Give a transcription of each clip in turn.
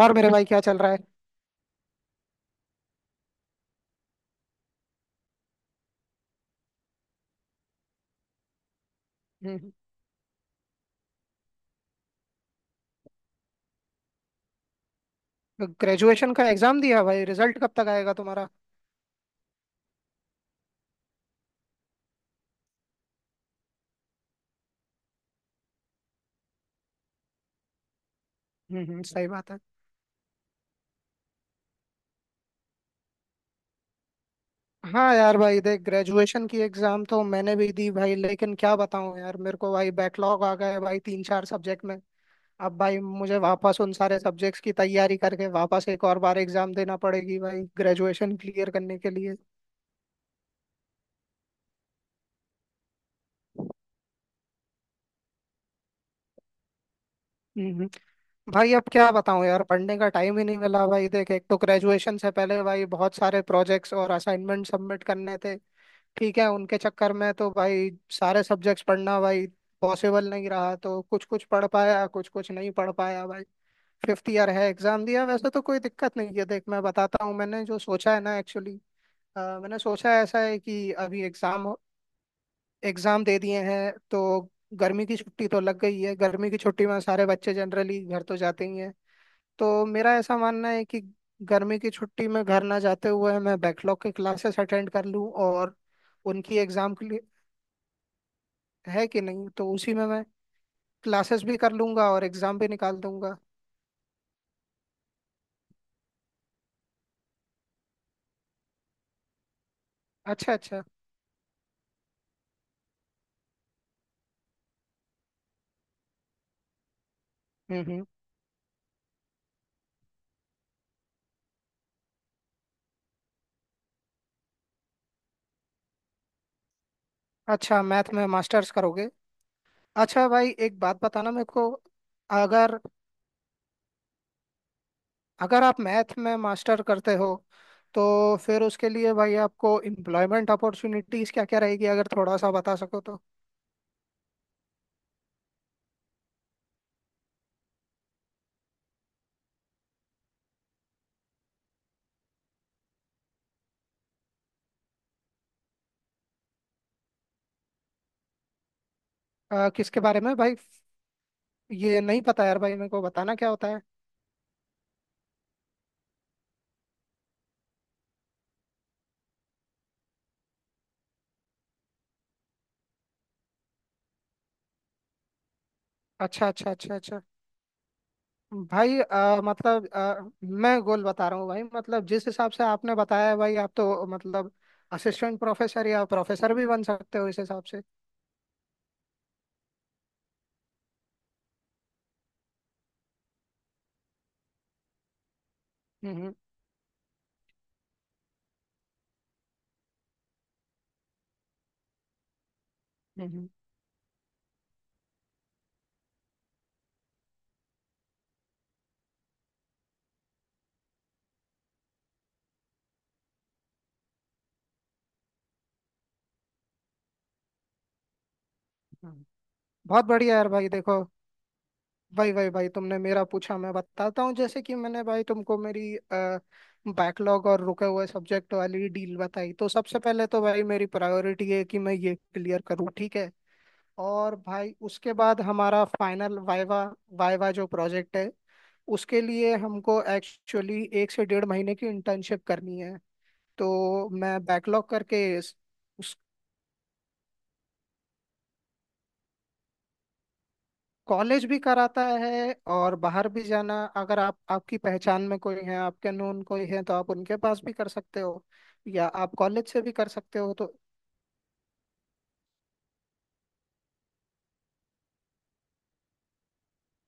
और मेरे भाई क्या चल रहा है। ग्रेजुएशन का एग्जाम दिया भाई, रिजल्ट कब तक आएगा तुम्हारा? सही बात है। हाँ यार भाई देख, ग्रेजुएशन की एग्जाम तो मैंने भी दी भाई, लेकिन क्या बताऊँ यार, मेरे को भाई बैकलॉग आ गया है भाई, तीन चार सब्जेक्ट में। अब भाई मुझे वापस उन सारे सब्जेक्ट्स की तैयारी करके वापस एक और बार एग्जाम देना पड़ेगी भाई, ग्रेजुएशन क्लियर करने के लिए। हम्म। भाई अब क्या बताऊं यार, पढ़ने का टाइम ही नहीं मिला भाई, देख एक तो ग्रेजुएशन से पहले भाई बहुत सारे प्रोजेक्ट्स और असाइनमेंट सबमिट करने थे। ठीक है, उनके चक्कर में तो भाई सारे सब्जेक्ट्स पढ़ना भाई पॉसिबल नहीं रहा, तो कुछ कुछ पढ़ पाया कुछ कुछ नहीं पढ़ पाया भाई। फिफ्थ ईयर है, एग्जाम दिया, वैसे तो कोई दिक्कत नहीं है। देख मैं बताता हूँ, मैंने जो सोचा है ना एक्चुअली, मैंने सोचा ऐसा है कि अभी एग्जाम एग्जाम दे दिए हैं तो गर्मी की छुट्टी तो लग गई है, गर्मी की छुट्टी में सारे बच्चे जनरली घर तो जाते ही हैं। तो मेरा ऐसा मानना है कि गर्मी की छुट्टी में घर ना जाते हुए मैं बैकलॉग की क्लासेस अटेंड कर लूँ, और उनकी एग्जाम है कि नहीं, तो उसी में मैं क्लासेस भी कर लूंगा और एग्जाम भी निकाल दूंगा। अच्छा अच्छा। हम्म। अच्छा, मैथ में मास्टर्स करोगे? अच्छा भाई एक बात बताना मेरे को, अगर अगर आप मैथ में मास्टर करते हो तो फिर उसके लिए भाई आपको एम्प्लॉयमेंट अपॉर्चुनिटीज क्या क्या रहेगी, अगर थोड़ा सा बता सको तो। किसके बारे में भाई, ये नहीं पता यार भाई, मेरे को बताना क्या होता है। अच्छा अच्छा अच्छा अच्छा। भाई मतलब मैं गोल बता रहा हूँ भाई, मतलब जिस हिसाब से आपने बताया है भाई, आप तो मतलब असिस्टेंट प्रोफेसर या प्रोफेसर भी बन सकते हो इस हिसाब से। हम्म। हम्म, हम्म। बहुत बढ़िया यार भाई देखो, भाई भाई भाई तुमने मेरा पूछा मैं बताता हूँ, जैसे कि मैंने भाई तुमको मेरी बैकलॉग और रुके हुए सब्जेक्ट वाली डील बताई, तो सबसे पहले तो भाई मेरी प्रायोरिटी है कि मैं ये क्लियर करूँ, ठीक है। और भाई उसके बाद हमारा फाइनल वाइवा वाइवा जो प्रोजेक्ट है उसके लिए हमको एक्चुअली एक से डेढ़ महीने की इंटर्नशिप करनी है। तो मैं बैकलॉग करके उस कॉलेज भी कराता है और बाहर भी जाना, अगर आप आपकी पहचान में कोई है, आपके नून कोई है तो आप उनके पास भी कर सकते हो, या आप कॉलेज से भी कर सकते हो तो।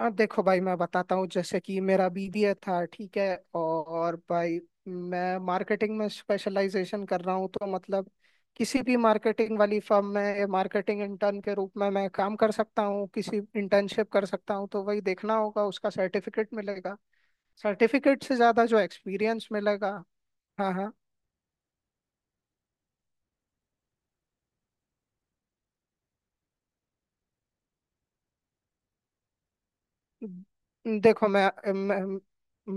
हाँ देखो भाई मैं बताता हूँ, जैसे कि मेरा बीबीए था, ठीक है। और भाई मैं मार्केटिंग में स्पेशलाइजेशन कर रहा हूँ, तो मतलब किसी भी मार्केटिंग वाली फर्म में मार्केटिंग इंटर्न के रूप में मैं काम कर सकता हूँ, किसी इंटर्नशिप कर सकता हूँ, तो वही देखना होगा, उसका सर्टिफिकेट मिलेगा, सर्टिफिकेट से ज़्यादा जो एक्सपीरियंस मिलेगा। हाँ हाँ। द- देखो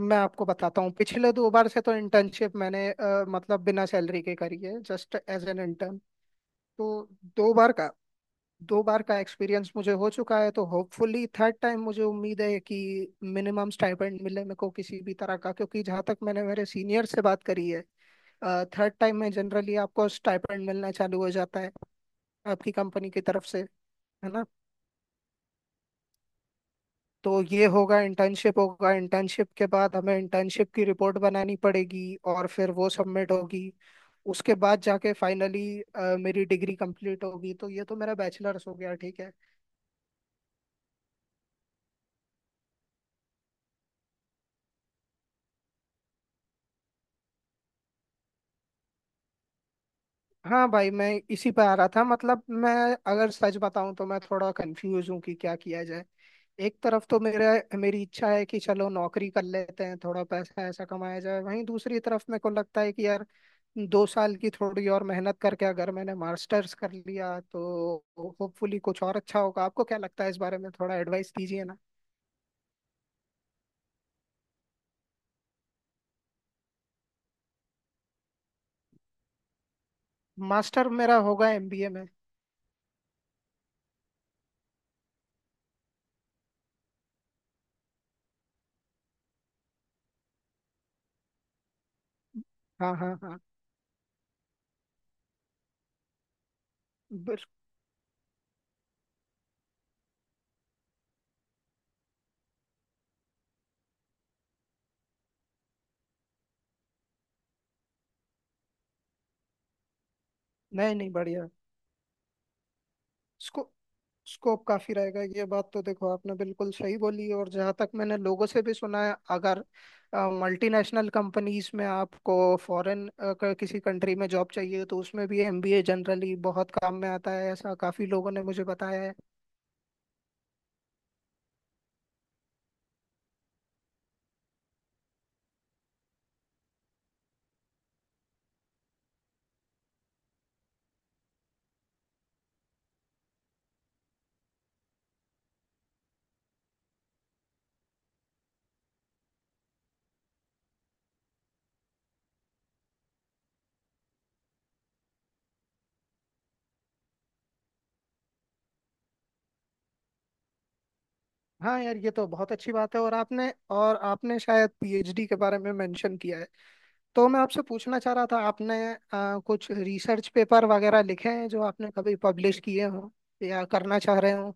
मैं आपको बताता हूँ, पिछले दो बार से तो इंटर्नशिप मैंने मतलब बिना सैलरी के करी है जस्ट एज एन इंटर्न। तो दो बार का दो बार का एक्सपीरियंस मुझे हो चुका है, तो होपफुली थर्ड टाइम मुझे उम्मीद है कि मिनिमम स्टाइपेंड मिले मेरे को किसी भी तरह का, क्योंकि जहाँ तक मैंने मेरे सीनियर से बात करी है थर्ड टाइम में जनरली आपको स्टाइपेंड मिलना चालू हो जाता है आपकी कंपनी की तरफ से, है ना। तो ये होगा इंटर्नशिप, होगा इंटर्नशिप के बाद हमें इंटर्नशिप की रिपोर्ट बनानी पड़ेगी और फिर वो सबमिट होगी, उसके बाद जाके फाइनली मेरी डिग्री कंप्लीट होगी। तो ये तो मेरा बैचलर्स हो गया, ठीक है। हाँ भाई मैं इसी पे आ रहा था, मतलब मैं अगर सच बताऊं तो मैं थोड़ा कंफ्यूज हूँ कि क्या किया जाए। एक तरफ तो मेरा मेरी इच्छा है कि चलो नौकरी कर लेते हैं, थोड़ा पैसा ऐसा कमाया जाए, वहीं दूसरी तरफ मेरे को लगता है कि यार 2 साल की थोड़ी और मेहनत करके अगर मैंने मास्टर्स कर लिया तो होपफुली कुछ और अच्छा होगा। आपको क्या लगता है इस बारे में, थोड़ा एडवाइस दीजिए ना। मास्टर मेरा होगा एमबीए में। हाँ हाँ हाँ। बिल- नहीं नहीं, बढ़िया। स्कू, स्कोप काफी रहेगा, ये बात तो देखो आपने बिल्कुल सही बोली। और जहाँ तक मैंने लोगों से भी सुना है, अगर मल्टीनेशनल कंपनीज में आपको फॉरेन किसी कंट्री में जॉब चाहिए तो उसमें भी एमबीए जनरली बहुत काम में आता है, ऐसा काफी लोगों ने मुझे बताया है। हाँ यार ये तो बहुत अच्छी बात है। और आपने शायद पीएचडी के बारे में मेंशन किया है तो मैं आपसे पूछना चाह रहा था, आपने कुछ रिसर्च पेपर वगैरह लिखे हैं जो आपने कभी पब्लिश किए हों, या करना चाह रहे हो।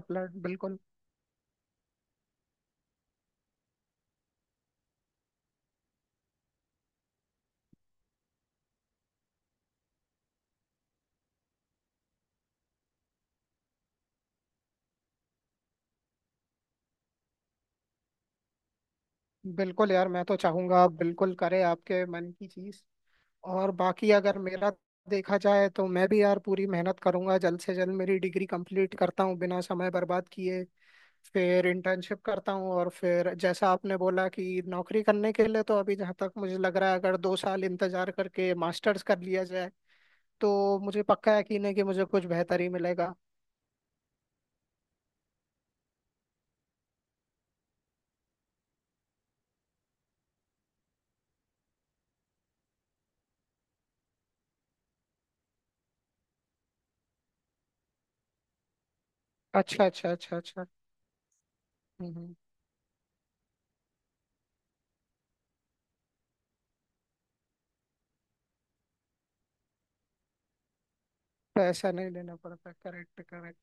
अप्लाइड बिल्कुल। बिल्कुल यार, मैं तो चाहूंगा आप बिल्कुल करें आपके मन की चीज। और बाकी अगर मेरा देखा जाए तो मैं भी यार पूरी मेहनत करूंगा, जल्द से जल्द मेरी डिग्री कंप्लीट करता हूँ बिना समय बर्बाद किए। फिर इंटर्नशिप करता हूँ और फिर जैसा आपने बोला कि नौकरी करने के लिए, तो अभी जहाँ तक मुझे लग रहा है अगर 2 साल इंतजार करके मास्टर्स कर लिया जाए तो मुझे पक्का यकीन है कि मुझे कुछ बेहतर ही मिलेगा। अच्छा अच्छा अच्छा अच्छा। हम्म हम्म। पैसा नहीं देना पड़ता, करेक्ट करेक्ट।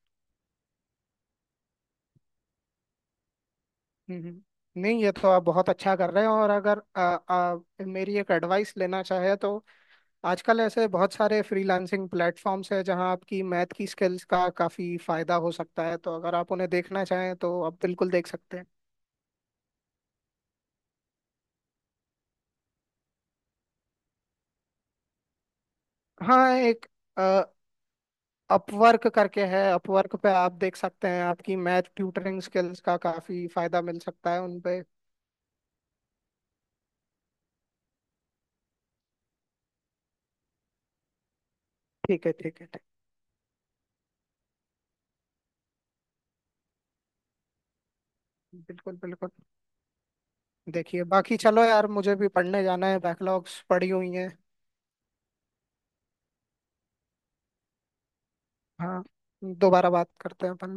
हम्म, हम्म। नहीं ये तो आप बहुत अच्छा कर रहे हैं। और अगर आ, आ, मेरी एक एडवाइस लेना चाहे तो आजकल ऐसे बहुत सारे फ्रीलांसिंग प्लेटफॉर्म्स हैं जहां आपकी मैथ की स्किल्स का काफी फायदा हो सकता है, तो अगर आप उन्हें देखना चाहें तो आप बिल्कुल देख सकते हैं। हाँ, एक अपवर्क करके है, अपवर्क पे आप देख सकते हैं, आपकी मैथ ट्यूटरिंग स्किल्स का काफी फायदा मिल सकता है उनपे। ठीक है ठीक है ठीक। बिल्कुल बिल्कुल। देखिए बाकी चलो यार मुझे भी पढ़ने जाना है, बैकलॉग्स पड़ी हुई हैं। हाँ, दोबारा बात करते हैं अपन।